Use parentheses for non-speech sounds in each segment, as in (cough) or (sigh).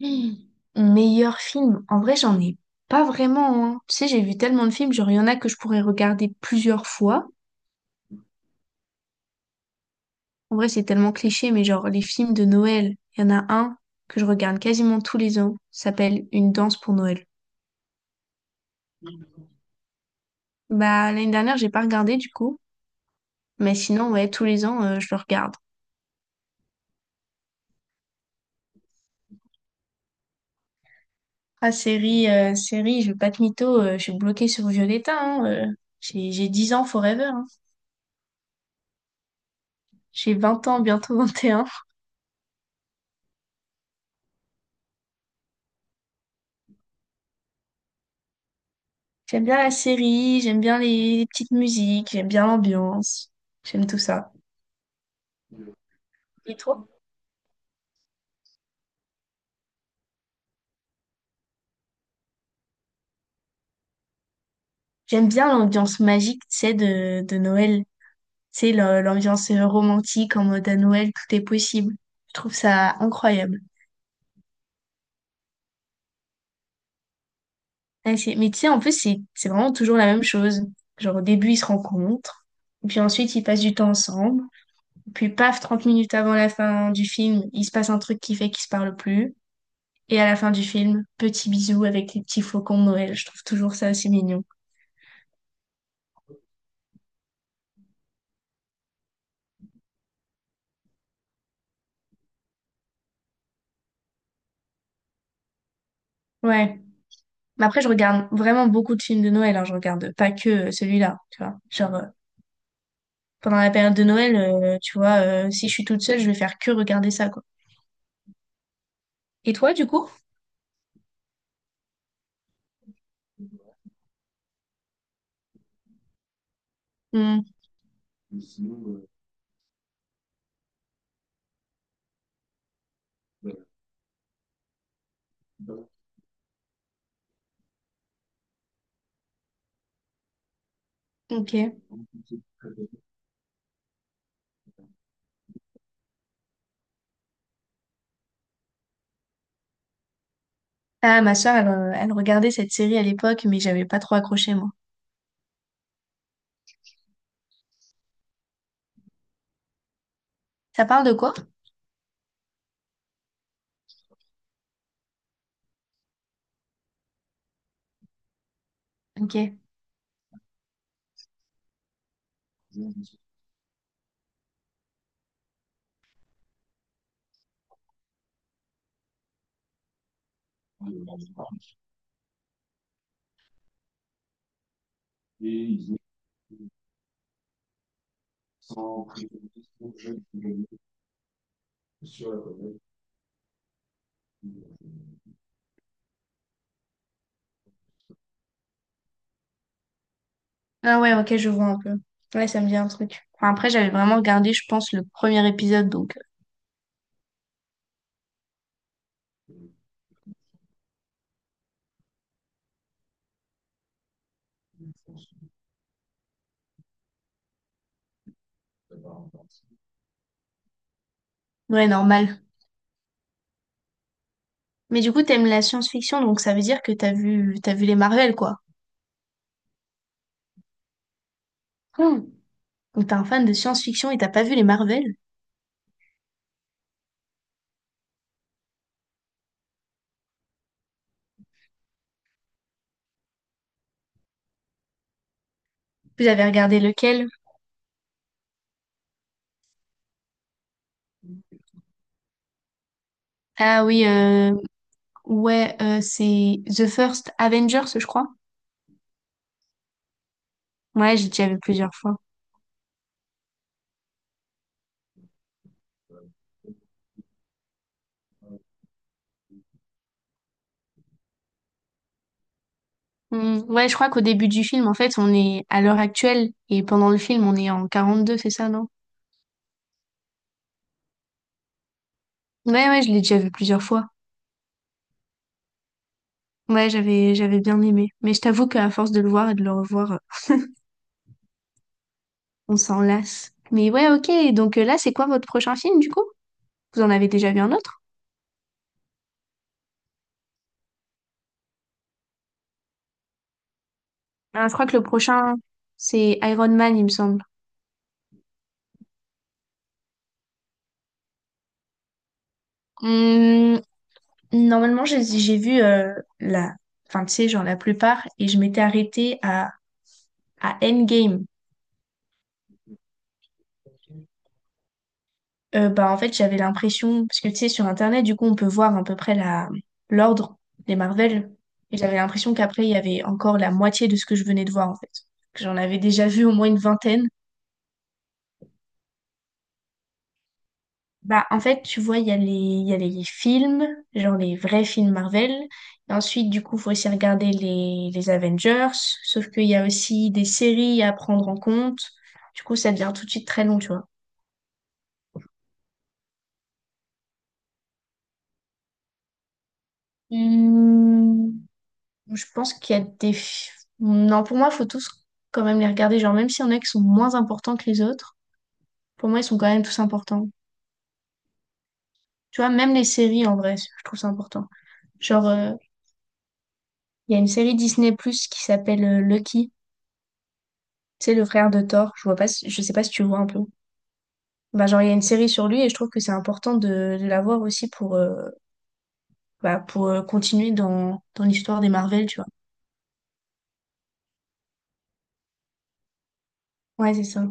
Hum, Meilleur film. En vrai, j'en ai pas vraiment, hein. Tu sais, j'ai vu tellement de films, genre, il y en a que je pourrais regarder plusieurs fois. En vrai, c'est tellement cliché, mais genre, les films de Noël, il y en a un que je regarde quasiment tous les ans. Ça s'appelle Une danse pour Noël. Bah, l'année dernière, j'ai pas regardé du coup. Mais sinon, ouais, tous les ans, je le regarde. Ah, série, série, je vais pas te mytho, je suis bloquée sur Violetta, hein, J'ai 10 ans forever, hein. J'ai 20 ans, bientôt 21. J'aime bien la série, j'aime bien les petites musiques, j'aime bien l'ambiance, j'aime tout ça. Et toi? J'aime bien l'ambiance magique, tu sais, de Noël. Tu sais, l'ambiance romantique en mode à Noël, tout est possible. Je trouve ça incroyable. Ouais, Mais tu sais, en plus, c'est vraiment toujours la même chose. Genre, au début, ils se rencontrent, et puis ensuite, ils passent du temps ensemble. Puis, paf, 30 minutes avant la fin du film, il se passe un truc qui fait qu'ils se parlent plus. Et à la fin du film, petit bisou avec les petits flocons de Noël. Je trouve toujours ça assez mignon. Ouais. Mais après, je regarde vraiment beaucoup de films de Noël. Hein. Je regarde pas que celui-là, tu vois. Genre, pendant la période de Noël, tu vois, si je suis toute seule, je vais faire que regarder ça, quoi. Et toi, du coup? Hmm, ok. Ah, ma soeur, elle, elle regardait cette série à l'époque, mais j'avais pas trop accroché, moi. Ça parle de quoi? Ok. Ah ouais, ok, je vois un peu. Ouais, ça me dit un truc. Enfin, après, j'avais vraiment regardé, je pense, le premier épisode, donc... Ouais, normal. Mais du coup, t'aimes la science-fiction, donc ça veut dire que t'as vu les Marvel, quoi. Donc t'es un fan de science-fiction et t'as pas vu les Marvel? Vous avez regardé lequel? Ah oui, ouais, c'est The First Avengers, je crois. Ouais, j'ai déjà vu plusieurs fois. Hmm, ouais, je crois qu'au début du film, en fait, on est à l'heure actuelle et pendant le film, on est en 42, c'est ça, non? Ouais, ouais, je l'ai déjà vu plusieurs fois. Ouais, j'avais bien aimé. Mais je t'avoue qu'à force de le voir et de le revoir, on s'en lasse. Mais ouais, ok. Donc là, c'est quoi votre prochain film, du coup? Vous en avez déjà vu un autre? Ah, je crois que le prochain, c'est Iron Man, il me semble. Hum, normalement, j'ai vu la, enfin, tu sais, genre la plupart, et je m'étais arrêtée à Endgame. Bah, en fait, j'avais l'impression, parce que tu sais, sur Internet, du coup, on peut voir à peu près la, l'ordre des Marvel, et j'avais l'impression qu'après, il y avait encore la moitié de ce que je venais de voir, en fait. Que j'en avais déjà vu au moins une vingtaine. Bah, en fait, tu vois, il y a les, il y a les films, genre les vrais films Marvel. Et ensuite, du coup, faut aussi regarder les Avengers. Sauf qu'il y a aussi des séries à prendre en compte. Du coup, ça devient tout de suite très long, tu vois. Hmm, je pense qu'il y a des... Non, pour moi, faut tous quand même les regarder. Genre, même s'il y en a qui sont moins importants que les autres, pour moi, ils sont quand même tous importants. Tu vois, même les séries, en vrai, je trouve ça important. Genre, il y a une série Disney+, qui s'appelle Lucky. C'est le frère de Thor, je sais pas si tu vois un peu. Bah, genre, il y a une série sur lui et je trouve que c'est important de l'avoir aussi pour, bah, pour continuer dans, dans l'histoire des Marvel, tu vois. Ouais, c'est ça.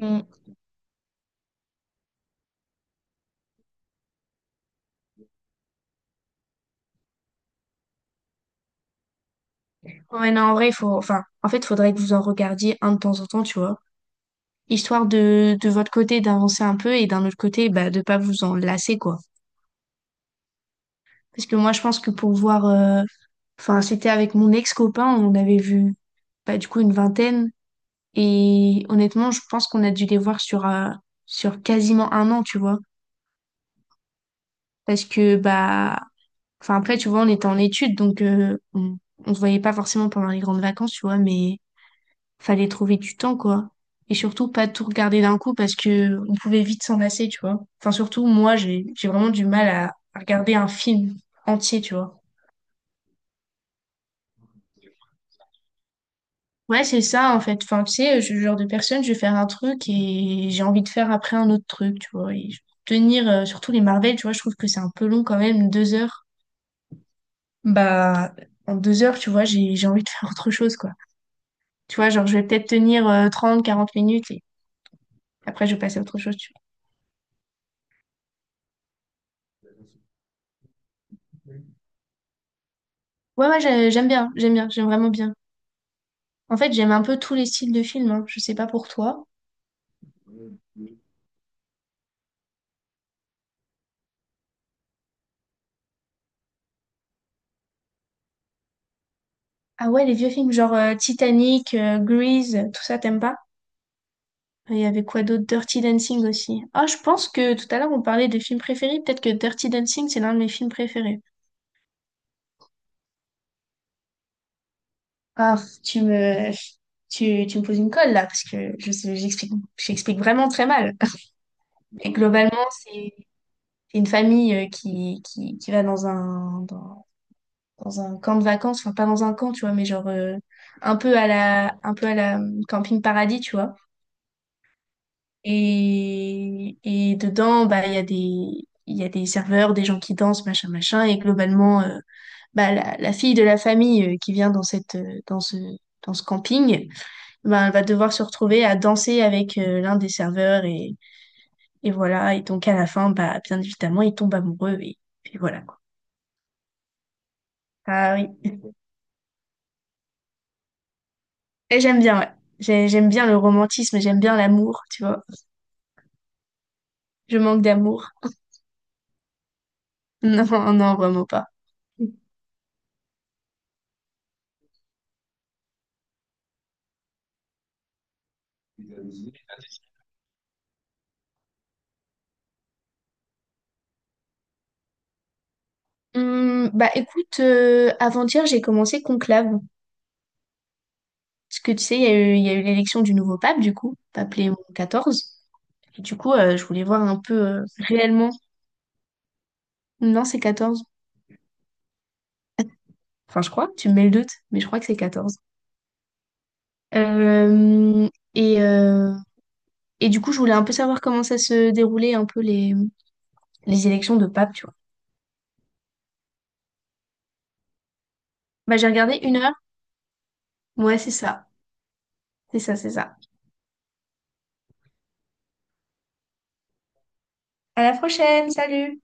Mm. Ouais, non, en vrai, il faut, enfin, en fait, il faudrait que vous en regardiez un de temps en temps, tu vois. Histoire de votre côté d'avancer un peu et d'un autre côté, bah, de pas vous en lasser, quoi. Parce que moi, je pense que pour voir, enfin, c'était avec mon ex-copain, on avait vu, bah, du coup, une vingtaine. Et honnêtement, je pense qu'on a dû les voir sur, sur quasiment un an, tu vois. Parce que, bah, enfin, après, tu vois, on était en études, donc on se voyait pas forcément pendant les grandes vacances, tu vois, mais fallait trouver du temps, quoi. Et surtout, pas tout regarder d'un coup parce que on pouvait vite s'en lasser, tu vois. Enfin, surtout, moi, j'ai vraiment du mal à regarder un film entier, tu vois. Ouais, c'est ça, en fait. Enfin, tu sais, je suis le genre de personne, je vais faire un truc et j'ai envie de faire après un autre truc, tu vois. Tenir, surtout les Marvel, tu vois, je trouve que c'est un peu long quand même, deux heures. Bah, en deux heures, tu vois, j'ai envie de faire (laughs) autre chose, quoi. Tu vois, genre, je vais peut-être tenir 30, 40 minutes et après, je vais passer à autre chose, tu vois. Ouais, ouais, j'aime bien, j'aime bien, j'aime vraiment bien. En fait, j'aime un peu tous les styles de films, hein. Je sais pas pour toi. Ah ouais, les vieux films, genre Titanic, Grease, tout ça, t'aimes pas? Il y avait quoi d'autre? Dirty Dancing aussi. Ah, je pense que tout à l'heure on parlait des films préférés. Peut-être que Dirty Dancing, c'est l'un de mes films préférés. Ah, tu me, tu, tu me poses une colle là, parce que j'explique, j'explique vraiment très mal. Mais globalement, c'est une famille qui va dans un, dans, dans un camp de vacances, enfin pas dans un camp, tu vois, mais genre un peu à la, un peu à la camping paradis, tu vois. Et dedans, bah, il y a des, il y a des serveurs, des gens qui dansent, machin, machin. Et globalement, bah, la fille de la famille qui vient dans cette, dans ce camping, bah, elle va devoir se retrouver à danser avec l'un des serveurs. Et voilà. Et donc, à la fin, bah, bien évidemment, ils tombent amoureux. Et puis voilà, quoi. Ah oui. (laughs) Et j'aime bien, ouais. J'aime bien le romantisme, j'aime bien l'amour, tu vois. Je manque d'amour. (laughs) Non, non, vraiment pas. Hum, bah écoute, avant-hier j'ai commencé Conclave. Parce que tu sais, il y a eu l'élection du nouveau pape, du coup, pape Léon XIV. Et du coup, je voulais voir un peu réellement. Non, c'est quatorze. Enfin, je crois, tu me mets le doute, mais je crois que c'est 14. Euh, et, euh, et du coup, je voulais un peu savoir comment ça se déroulait un peu les élections de pape, tu vois. Bah j'ai regardé une heure. Ouais, c'est ça. C'est ça, c'est ça. À la prochaine, salut!